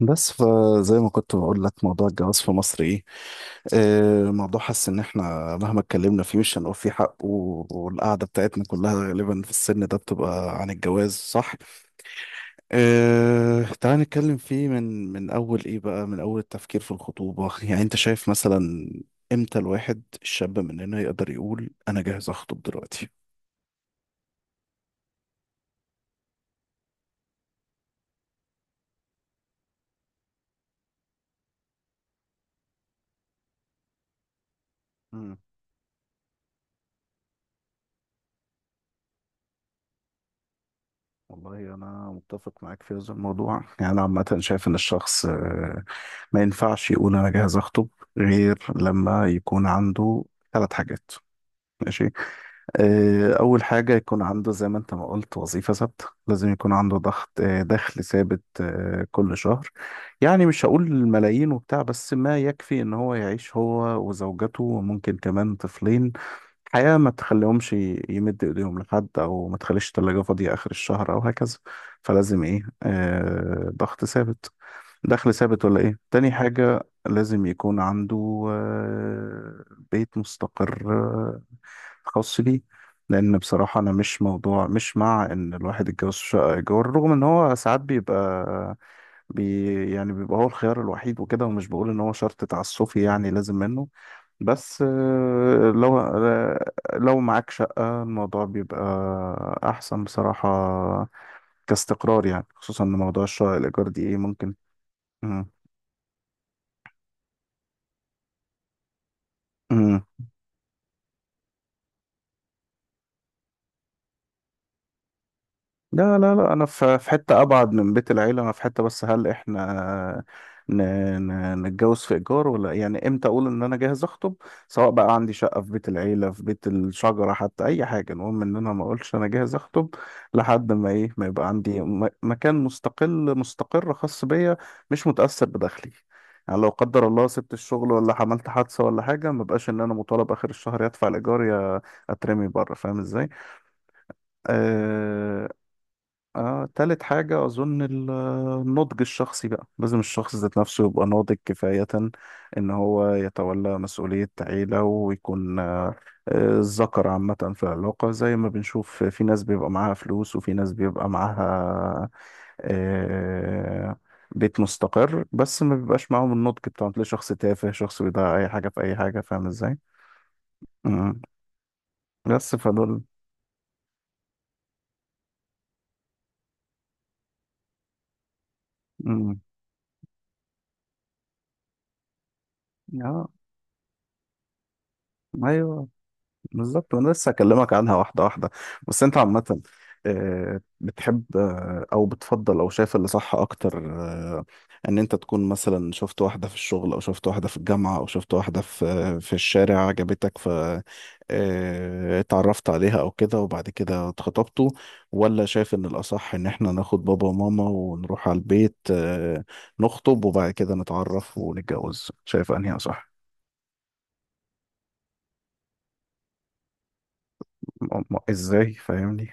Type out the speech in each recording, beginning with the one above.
بس فزي ما كنت بقول لك موضوع الجواز في مصر ايه. آه، موضوع حاسس ان احنا مهما اتكلمنا فيه مش هنقول فيه حق والقعده بتاعتنا كلها غالبا في السن ده بتبقى عن الجواز، صح؟ آه، تعال نتكلم فيه من اول ايه بقى، من اول التفكير في الخطوبه. يعني انت شايف مثلا امتى الواحد الشاب مننا يقدر يقول انا جاهز اخطب دلوقتي؟ والله أنا متفق معاك في هذا الموضوع. يعني أنا عامة شايف إن الشخص ما ينفعش يقول أنا جاهز أخطب غير لما يكون عنده ثلاث حاجات. ماشي. أول حاجة يكون عنده زي ما أنت ما قلت وظيفة ثابتة، لازم يكون عنده ضغط، دخل ثابت كل شهر. يعني مش هقول ملايين وبتاع، بس ما يكفي إن هو يعيش هو وزوجته وممكن كمان طفلين حياة ما تخليهمش يمد إيديهم لحد، أو ما تخليش التلاجة فاضية آخر الشهر أو هكذا. فلازم إيه، ضغط ثابت، دخل ثابت. ولا إيه تاني حاجة لازم يكون عنده؟ بيت مستقر خاص بيه. لان بصراحه انا مش موضوع مش مع ان الواحد يتجوز في شقه ايجار، رغم ان هو ساعات بيبقى بي يعني بيبقى هو الخيار الوحيد وكده، ومش بقول ان هو شرط تعسفي يعني لازم منه، بس لو لو معاك شقه الموضوع بيبقى احسن بصراحه كاستقرار، يعني خصوصا ان موضوع الشقه الايجار دي ايه ممكن. مم. لا لا لا، انا في حته ابعد من بيت العيله، انا في حته. بس هل احنا ن- نتجوز في ايجار ولا إيه؟ يعني امتى اقول ان انا جاهز اخطب؟ سواء بقى عندي شقه في بيت العيله، في بيت الشجره، حتى اي حاجه، المهم ان انا ما اقولش انا جاهز اخطب لحد ما ايه، ما يبقى عندي مكان مستقل مستقر خاص بيا، مش متاثر بدخلي. يعني لو قدر الله سبت الشغل ولا عملت حادثه ولا حاجه، ما بقاش ان انا مطالب اخر الشهر يدفع الايجار يا اترمي بره. فاهم ازاي؟ آه، تالت حاجة أظن النضج الشخصي. بقى لازم الشخص ذات نفسه يبقى ناضج كفاية إن هو يتولى مسؤولية عيلة، ويكون الذكر عامة في العلاقة. زي ما بنشوف في ناس بيبقى معاها فلوس، وفي ناس بيبقى معاها آه، بيت مستقر، بس ما بيبقاش معاهم النضج بتاعهم، تلاقي شخص تافه، شخص بيضيع أي حاجة في أي حاجة. فاهم إزاي؟ مم. بس فدول. مم. آه أيوه، بالظبط. وانا لسه هكلمك عنها واحده واحده. بس انت عامه، بتحب او بتفضل او شايف اللي صح اكتر، ان انت تكون مثلا شفت واحده في الشغل، او شفت واحده في الجامعه، او شفت واحده في في الشارع عجبتك، ف اتعرفت عليها او كده وبعد كده اتخطبتوا؟ ولا شايف ان الاصح ان احنا ناخد بابا وماما ونروح على البيت نخطب وبعد كده نتعرف ونتجوز؟ شايف انهي اصح؟ ازاي؟ فاهمني؟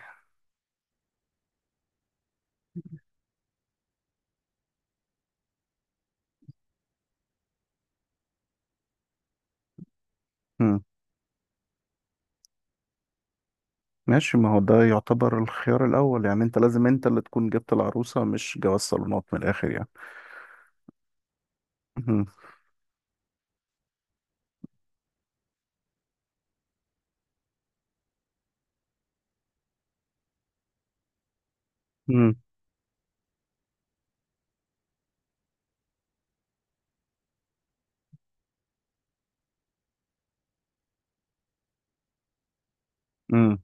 ماشي، ما هو ده يعتبر الخيار الأول. يعني أنت لازم أنت اللي تكون جبت العروسة، مش جواز صالونات من الآخر يعني. مم. مم. مم.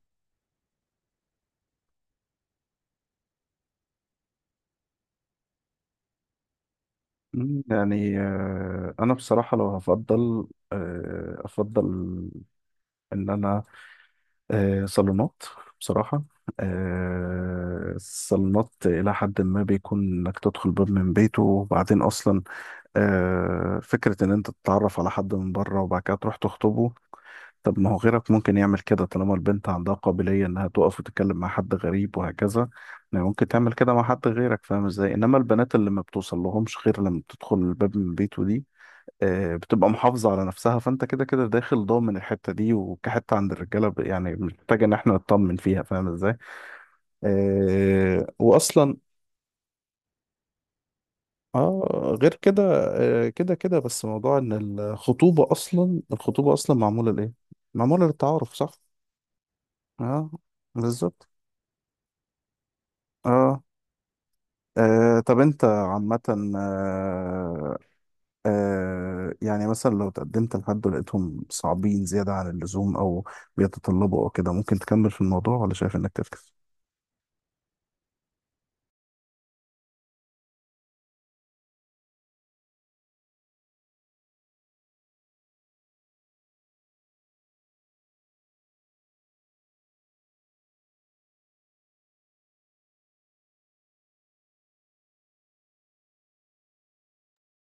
مم. يعني أنا بصراحة لو هفضل أفضل إن أنا صالونات، بصراحة. الصالونات إلى حد ما بيكون إنك تدخل باب من بيته، وبعدين أصلا فكرة إن أنت تتعرف على حد من بره وبعد كده تروح تخطبه، طب ما هو غيرك ممكن يعمل كده طالما البنت عندها قابلية إنها تقف وتتكلم مع حد غريب وهكذا. يعني ممكن تعمل كده مع حد غيرك. فاهم إزاي؟ إنما البنات اللي ما بتوصل لهمش غير لما بتدخل الباب من بيته دي بتبقى محافظة على نفسها، فأنت كده كده داخل ضامن الحتة دي. وكحتة عند الرجالة يعني محتاج إن إحنا نطمن فيها. فاهم إزاي؟ وأصلا اه غير كده، كده كده. بس موضوع ان الخطوبة اصلا، الخطوبة اصلا معمولة لايه؟ معمولة للتعارف، صح؟ اه، بالظبط. اه، طب انت عامة آه، يعني مثلا لو تقدمت لحد ولقيتهم صعبين زيادة عن اللزوم او بيتطلبوا او كده، ممكن تكمل في الموضوع ولا شايف انك تفكس؟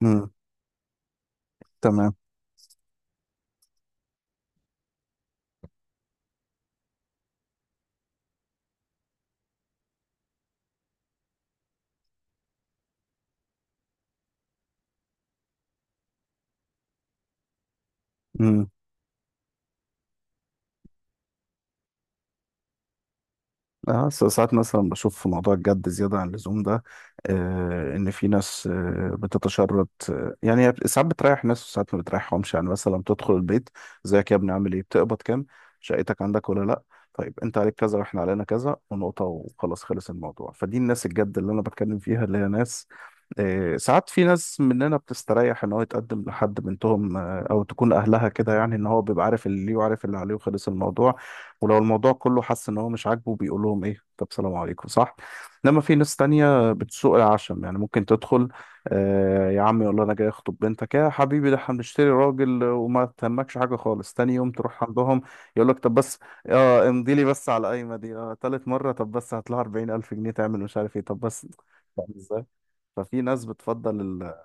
امم. تمام. اه، ساعات مثلا بشوف في موضوع الجد زيادة عن اللزوم ده، آه، ان في ناس آه بتتشرط. آه يعني هي ساعات بتريح ناس وساعات ما بتريحهمش. يعني مثلا بتدخل البيت: ازيك يا ابني عامل ايه، بتقبض كام، شقتك عندك ولا لا، طيب انت عليك كذا واحنا علينا كذا، ونقطة وخلاص، خلص الموضوع. فدي الناس الجد اللي انا بتكلم فيها، اللي هي ناس آه ساعات في ناس مننا بتستريح ان هو يتقدم لحد بنتهم، آه او تكون اهلها كده، يعني ان هو بيبقى عارف اللي ليه وعارف اللي عليه وخلص الموضوع. ولو الموضوع كله حس ان هو مش عاجبه بيقول لهم ايه طب سلام عليكم، صح؟ انما في ناس تانية بتسوق العشم. يعني ممكن تدخل، آه، يا عم، يقول له انا جاي اخطب بنتك يا حبيبي، ده احنا بنشتري راجل، وما تهمكش حاجه خالص. تاني يوم تروح عندهم يقول لك طب بس اه امضي لي بس على القايمه دي. اه، تالت مره طب بس هات لها 40,000 جنيه تعمل مش عارف ايه، طب بس. فاهم ازاي؟ ففي ناس بتفضل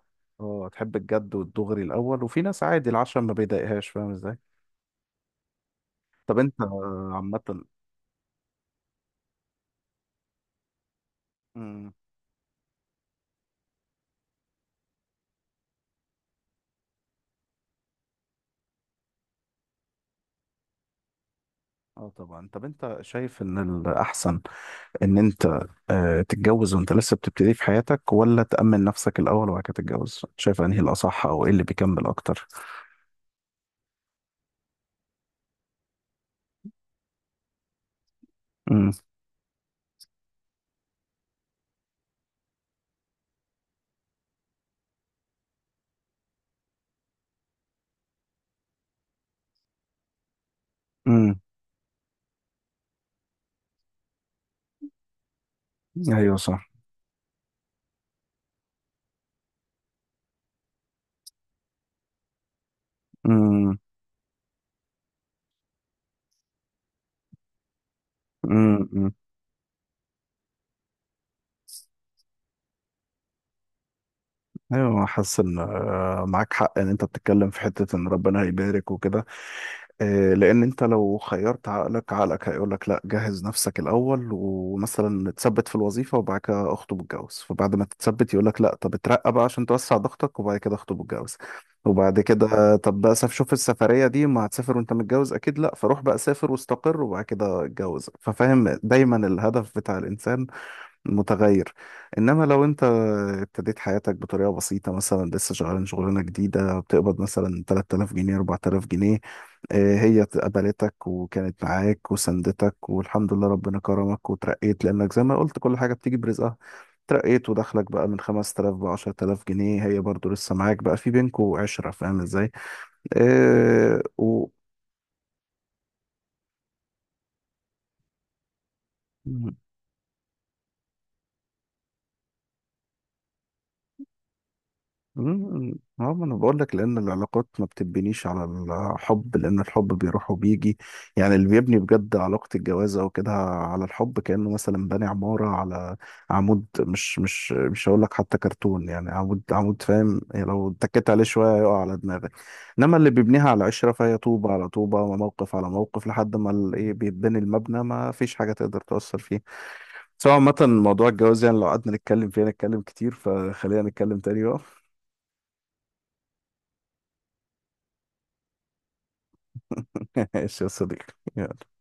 اه تحب الجد والدغري الاول، وفي ناس عادي العشم ما بيضايقهاش. فاهم ازاي؟ طب انت عامه، مم. اه طبعا. طب انت شايف ان الاحسن ان انت تتجوز وانت لسه بتبتدي في حياتك، ولا تأمن نفسك الاول وبعد كده تتجوز؟ شايف انهي الاصح او ايه اللي بيكمل اكتر؟ امم. امم. ايوه صح. امم. امم. ايوه، حاسس ان معاك حق. ان انت بتتكلم في حتة ان ربنا هيبارك وكده، لان انت لو خيرت عقلك عقلك هيقول لك لا، جهز نفسك الاول، ومثلا تثبت في الوظيفه وبعد كده اخطب واتجوز. فبعد ما تتثبت يقول لك لا، طب اترقى بقى عشان توسع ضغطك، وبعد كده اخطب واتجوز. وبعد كده طب بقى شوف السفريه دي، ما هتسافر وانت متجوز، اكيد لا، فروح بقى سافر واستقر وبعد كده اتجوز. ففاهم دايما الهدف بتاع الانسان متغير. انما لو انت ابتديت حياتك بطريقه بسيطه، مثلا لسه شغال شغلانه جديده بتقبض مثلا 3,000 جنيه 4,000 جنيه، هي قبلتك وكانت معاك وسندتك، والحمد لله ربنا كرمك وترقيت، لانك زي ما قلت كل حاجه بتيجي برزقها. ترقيت ودخلك بقى من 5000 ب 10,000 جنيه، هي برضو لسه معاك. بقى في بينكوا عشرة. فاهم ازاي؟ آه و مم، اه، ما انا بقول لك، لان العلاقات ما بتبنيش على الحب، لان الحب بيروح وبيجي. يعني اللي بيبني بجد علاقة الجواز او كده على الحب، كأنه مثلا باني عمارة على عمود، مش هقول لك حتى كرتون، يعني عمود عمود. فاهم يعني؟ لو اتكيت عليه شوية يقع على دماغك. انما اللي بيبنيها على عشرة فهي طوبة على طوبة وموقف على موقف، لحد ما ايه بيتبني المبنى، ما فيش حاجة تقدر تأثر فيه. سواء عامة موضوع الجواز يعني لو قعدنا نتكلم فيه نتكلم كتير، فخلينا نتكلم تاني بقى. ايش يا صديقي يلا.